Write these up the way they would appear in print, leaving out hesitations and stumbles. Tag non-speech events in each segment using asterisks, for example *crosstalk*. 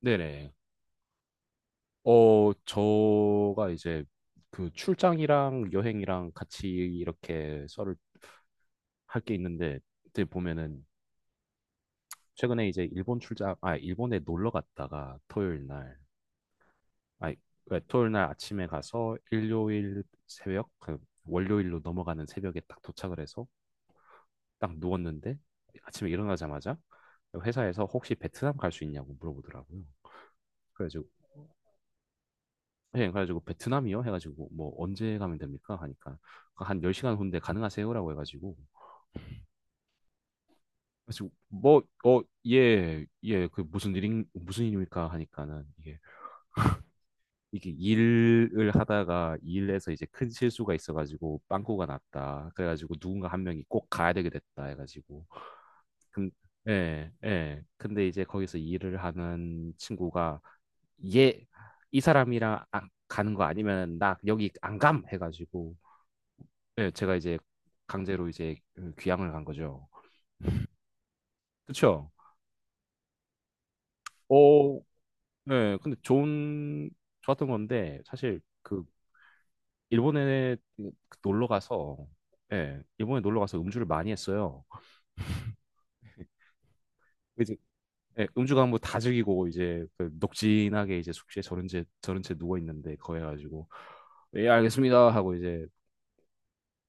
네네. 저가 이제 그 출장이랑 여행이랑 같이 이렇게 썰을 할 게 있는데, 그때 보면은 최근에 이제 일본 출장, 아, 일본에 놀러 갔다가 토요일 날, 아, 토요일 날 아침에 가서 일요일 새벽, 그 월요일로 넘어가는 새벽에 딱 도착을 해서 딱 누웠는데 아침에 일어나자마자 회사에서 혹시 베트남 갈 수 있냐고 물어보더라고요. 그래서 예, 그래가지고 베트남이요? 해가지고 뭐 언제 가면 됩니까? 하니까 그러니까 한 10시간 후인데 가능하세요라고 해가지고 그래서 뭐 예, 예, 그 무슨 일입니까? 하니까는 이게 일을 하다가 일에서 이제 큰 실수가 있어가지고 빵꾸가 났다. 그래가지고 누군가 한 명이 꼭 가야 되게 됐다 해가지고 근 예, 예. 근데 이제 거기서 일을 하는 친구가 얘 이 사람이랑 가는 거 아니면 나 여기 안 감 해가지고 네, 제가 이제 강제로 이제 귀향을 간 거죠. 그쵸? 오, 네, 근데 좋았던 건데, 사실 그, 일본에 그 놀러 가서, 예, 일본에 놀러 가서 음주를 많이 했어요. 이제, 예, 음주 가면 뭐다 즐기고, 이제, 그 녹진하게 이제 숙소에 저런 채 누워있는데, 거해 가지고, 예, 알겠습니다. 하고 이제,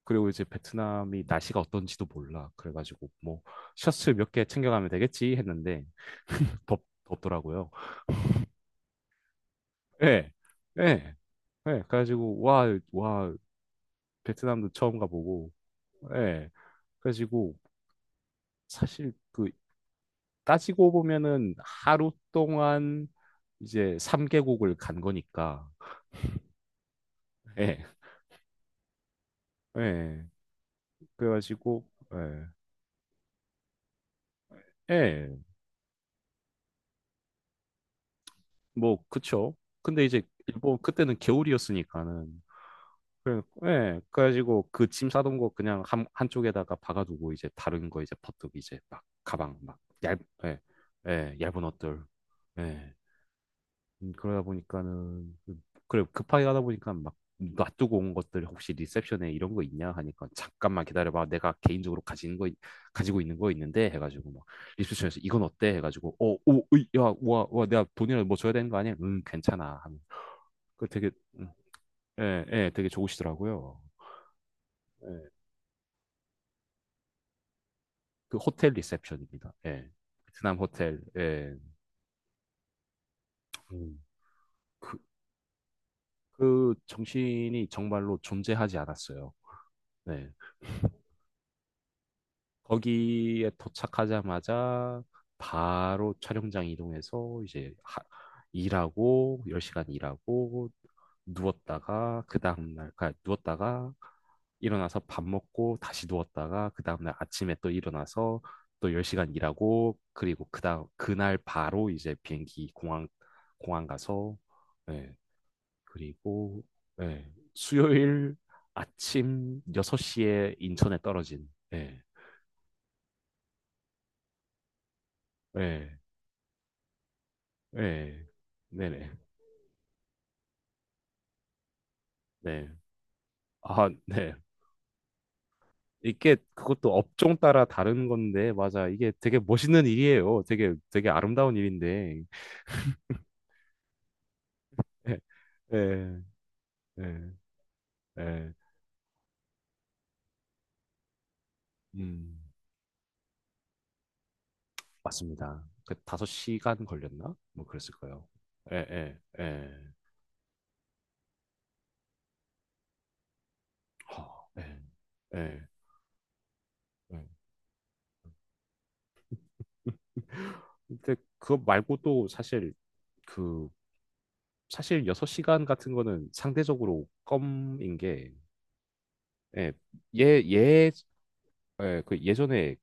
그리고 이제 베트남이 날씨가 어떤지도 몰라. 그래가지고, 뭐, 셔츠 몇 개 챙겨가면 되겠지 했는데, *laughs* 덥더라고요. 예, 예, 예. 그래가지고 와, 베트남도 처음 가보고, 예. 그래가지고 사실 그 따지고 보면은 하루 동안 이제 3개국을 간 거니까, 예, 예. 그래가지고, 예, 예. 뭐 그쵸. 근데 이제 일본 그때는 겨울이었으니까는 그래, 예, 그래가지고 그 짐 싸던 거 그냥 한쪽에다가 박아두고 이제 다른 거 이제 퍼뜩 이제 막 가방 막 얇, 예, 예, 얇은 옷들, 예, 그러다 보니까는 그래 급하게 가다 보니까 막 놔두고 온 것들 혹시 리셉션에 이런 거 있냐 하니까 잠깐만 기다려봐 내가 개인적으로 가지고 있는 거 있는데 해가지고 막 리셉션에서 이건 어때 해가지고 어오야와와 내가 돈이라도 뭐 줘야 되는 거 아니야? 응 괜찮아 하면 그 되게 음, 예, 예, 되게 좋으시더라고요. 예. 그 호텔 리셉션입니다. 예. 베트남 호텔. 예. 음, 그, 그 정신이 정말로 존재하지 않았어요. 네. 거기에 도착하자마자 바로 촬영장 이동해서 이제 일하고 10시간 일하고 누웠다가 그 다음날 그 누웠다가 일어나서 밥 먹고 다시 누웠다가 그 다음날 아침에 또 일어나서 또 10시간 일하고 그리고 그다음 그날 바로 이제 비행기 공항 가서 예, 그리고 예, 수요일 아침 6시에 인천에 떨어진 예, 예, 네. 네네. 네. 아, 네. 이게 그것도 업종 따라 다른 건데, 맞아. 이게 되게 멋있는 일이에요. 되게, 되게 아름다운 일인데. 예, 예, 예. 예. 음, 맞습니다. 그 다섯 시간 걸렸나? 뭐 그랬을 거예요. 예, 예, 예. 허, 예, 예, 예. 근데 그거 말고도 사실 그, 사실 여섯 시간 같은 거는 상대적으로 껌인 게, 예, 예, 예, 예, 그 예전에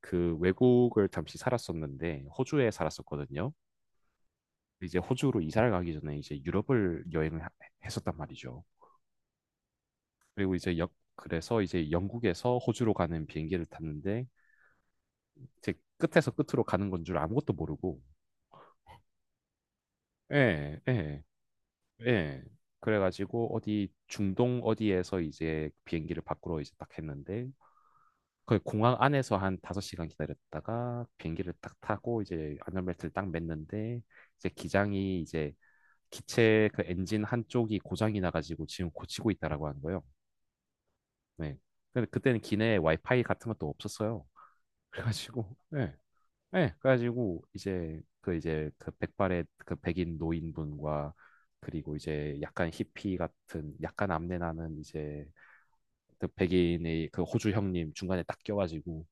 그 외국을 잠시 살았었는데 호주에 살았었거든요. 이제 호주로 이사를 가기 전에 이제 유럽을 여행을 했었단 말이죠. 그리고 이제 역 그래서 이제 영국에서 호주로 가는 비행기를 탔는데 제 끝에서 끝으로 가는 건 줄 아무것도 모르고 예, 예, 예. 그래가지고 어디 중동 어디에서 이제 비행기를 밖으로 이제 딱 했는데 그 공항 안에서 한 5시간 기다렸다가 비행기를 딱 타고 이제 안전벨트를 딱 맸는데 이제 기장이 이제 기체 그 엔진 한쪽이 고장이 나가지고 지금 고치고 있다라고 하는 거예요. 네. 근데 그때는 기내에 와이파이 같은 것도 없었어요. 그래가지고, 네. 네. 그래가지고 이제 그 이제 그 백발의 그 백인 노인분과 그리고 이제 약간 히피 같은 약간 암내 나는 이제 그 백인의 그 호주 형님 중간에 딱 껴가지고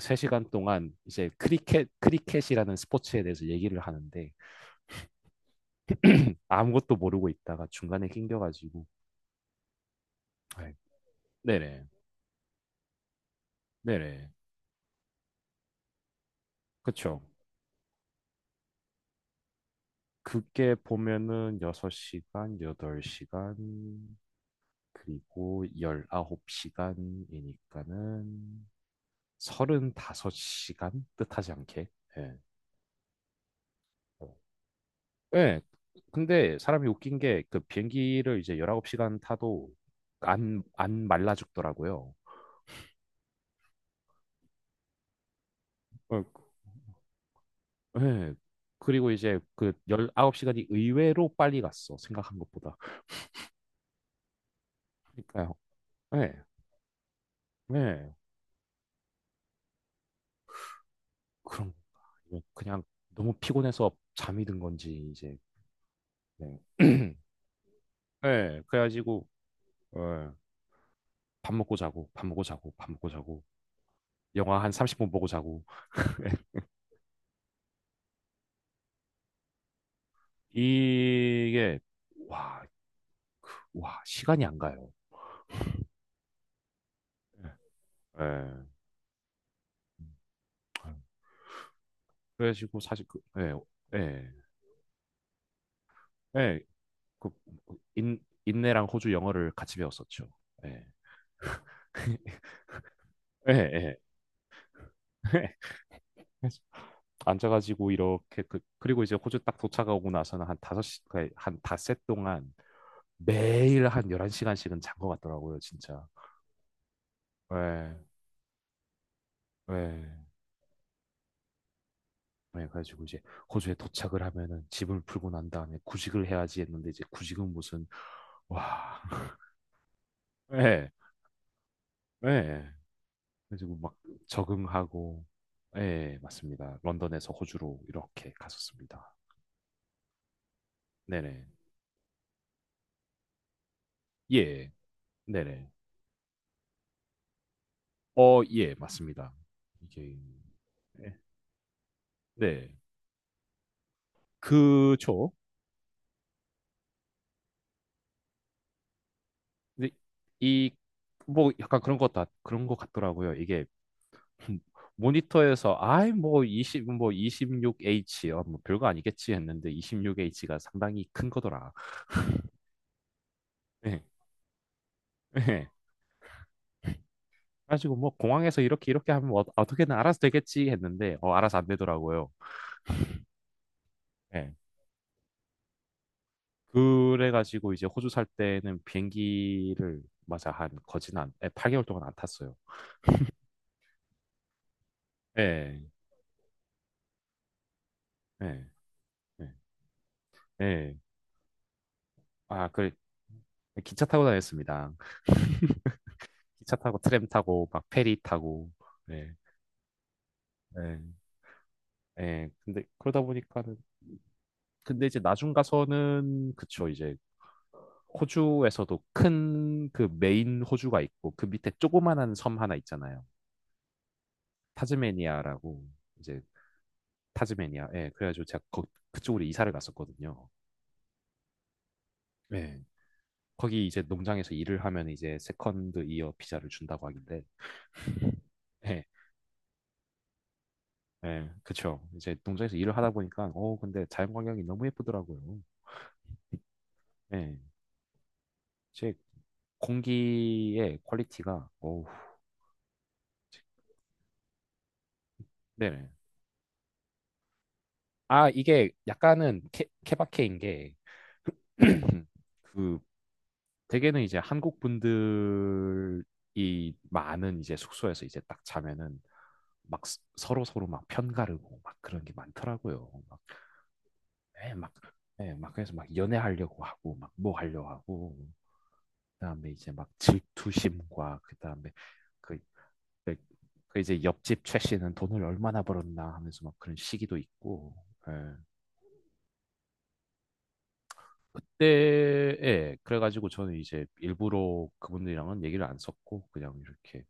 3시간 동안 이제 크리켓이라는 스포츠에 대해서 얘기를 하는데 아무것도 모르고 있다가 중간에 낑겨가지고 네. 네네 네네 그쵸. 그게 보면은 6시간, 8시간, 그리고 19시간이니까는 35시간? 뜻하지 않게. 예. 어. 예. 근데 사람이 웃긴 게 그 비행기를 이제 19시간 타도 안 말라 죽더라고요. 어, 예. 그리고 이제 그 19시간이 의외로 빨리 갔어. 생각한 것보다. 그러니까요. 예. 예. 그런 건가? 아니면 그냥 너무 피곤해서 잠이 든 건지 이제 그냥 *clears throat* 네, 그래가지고 어, 밥 먹고 자고 밥 먹고 자고 밥 먹고 자고 영화 한 30분 보고 자고 이게 와, 와 시간이 안 가요. 네, 네. 그래가지고 사실 그 예. 예. 예. 그 인, 인내랑 호주 영어를 같이 배웠었죠. 예. *laughs* 예. 예. *laughs* 앉아가지고 이렇게 그 그리고 이제 호주 딱 도착하고 나서는 한 다섯 시 그러니까 한 닷새 동안 매일 한 11시간씩은 잔 것 같더라고요, 진짜. 예. 예. 예, 그래가지고 이제 호주에 도착을 하면은 집을 풀고 난 다음에 구직을 해야지 했는데 이제 구직은 무슨 와. *laughs* 예. 예. 그래가지고 막 적응하고 예, 맞습니다. 런던에서 호주로 이렇게 갔었습니다. 네네. 예. 네네. 예, 맞습니다. 이게 네. 네. 그쵸. 근데 이, 뭐, 약간 그런 것 같더라고요. 이게, *laughs* 모니터에서, 아이, 뭐, 2십 뭐, 26H, 뭐, 별거 아니겠지 했는데, 26H가 상당히 큰 거더라. 예, 예. 그래가지고, 뭐, 공항에서 이렇게, 이렇게 하면 어, 어떻게든 알아서 되겠지 했는데, 어, 알아서 안 되더라고요. 예. 그래가지고, 이제 호주 살 때는 비행기를, 맞아, 한, 거진 한, 예, 8개월 동안 안 탔어요. 예, 예, 예. 예. 아, 그 기차 타고 다녔습니다. 기차 타고 트램 타고 막 페리 타고. 예. 예. 예. 근데 그러다 보니까는 근데 이제 나중 가서는 그쵸 이제 호주에서도 큰 그 메인 호주가 있고 그 밑에 조그만한 섬 하나 있잖아요. 타즈메니아라고 이제 타즈메니아. 예. 그래가지고 제가 그쪽으로 이사를 갔었거든요. 예. 거기 이제 농장에서 일을 하면 이제 세컨드 이어 비자를 준다고 하길래 예. 예, 그쵸. 이제 농장에서 일을 하다 보니까, 어, 근데 자연 광경이 너무 예쁘더라고요. 예, 제 공기의 퀄리티가, 어 네네. 아, 이게 약간은 케바케인 게, *clears throat* 그, 대개는 이제 한국 분들이 많은 이제 숙소에서 이제 딱 자면은 막 서로 서로 막 편가르고 막 그런 게 많더라고요. 막, 예, 막, 예, 막 그래서 막 연애하려고 하고 막 뭐 하려고 하고 그다음에 이제 막 질투심과 그다음에 그, 그, 그 이제 옆집 최 씨는 돈을 얼마나 벌었나 하면서 막 그런 시기도 있고 예. 그때에 그래가지고 저는 이제 일부러 그분들이랑은 얘기를 안 썼고 그냥 이렇게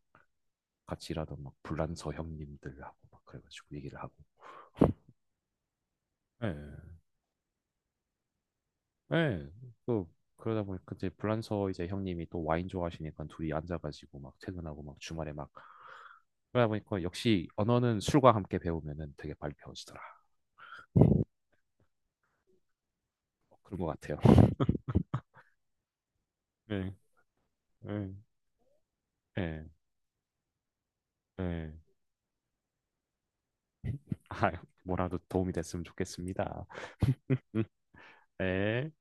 같이 일하던 막 불란서 형님들하고 막 그래가지고 얘기를 하고 예. 예. 그 그러다 보니까 그때 불란서 이제 형님이 또 와인 좋아하시니까 둘이 앉아가지고 막 퇴근하고 막 주말에 막 그러다 보니까 역시 언어는 술과 함께 배우면은 되게 빨리 배워지더라고요. 어, 그런 것 같아요. 네, 네, 네, 네. 아, 뭐라도 도움이 됐으면 좋겠습니다. *laughs* 네.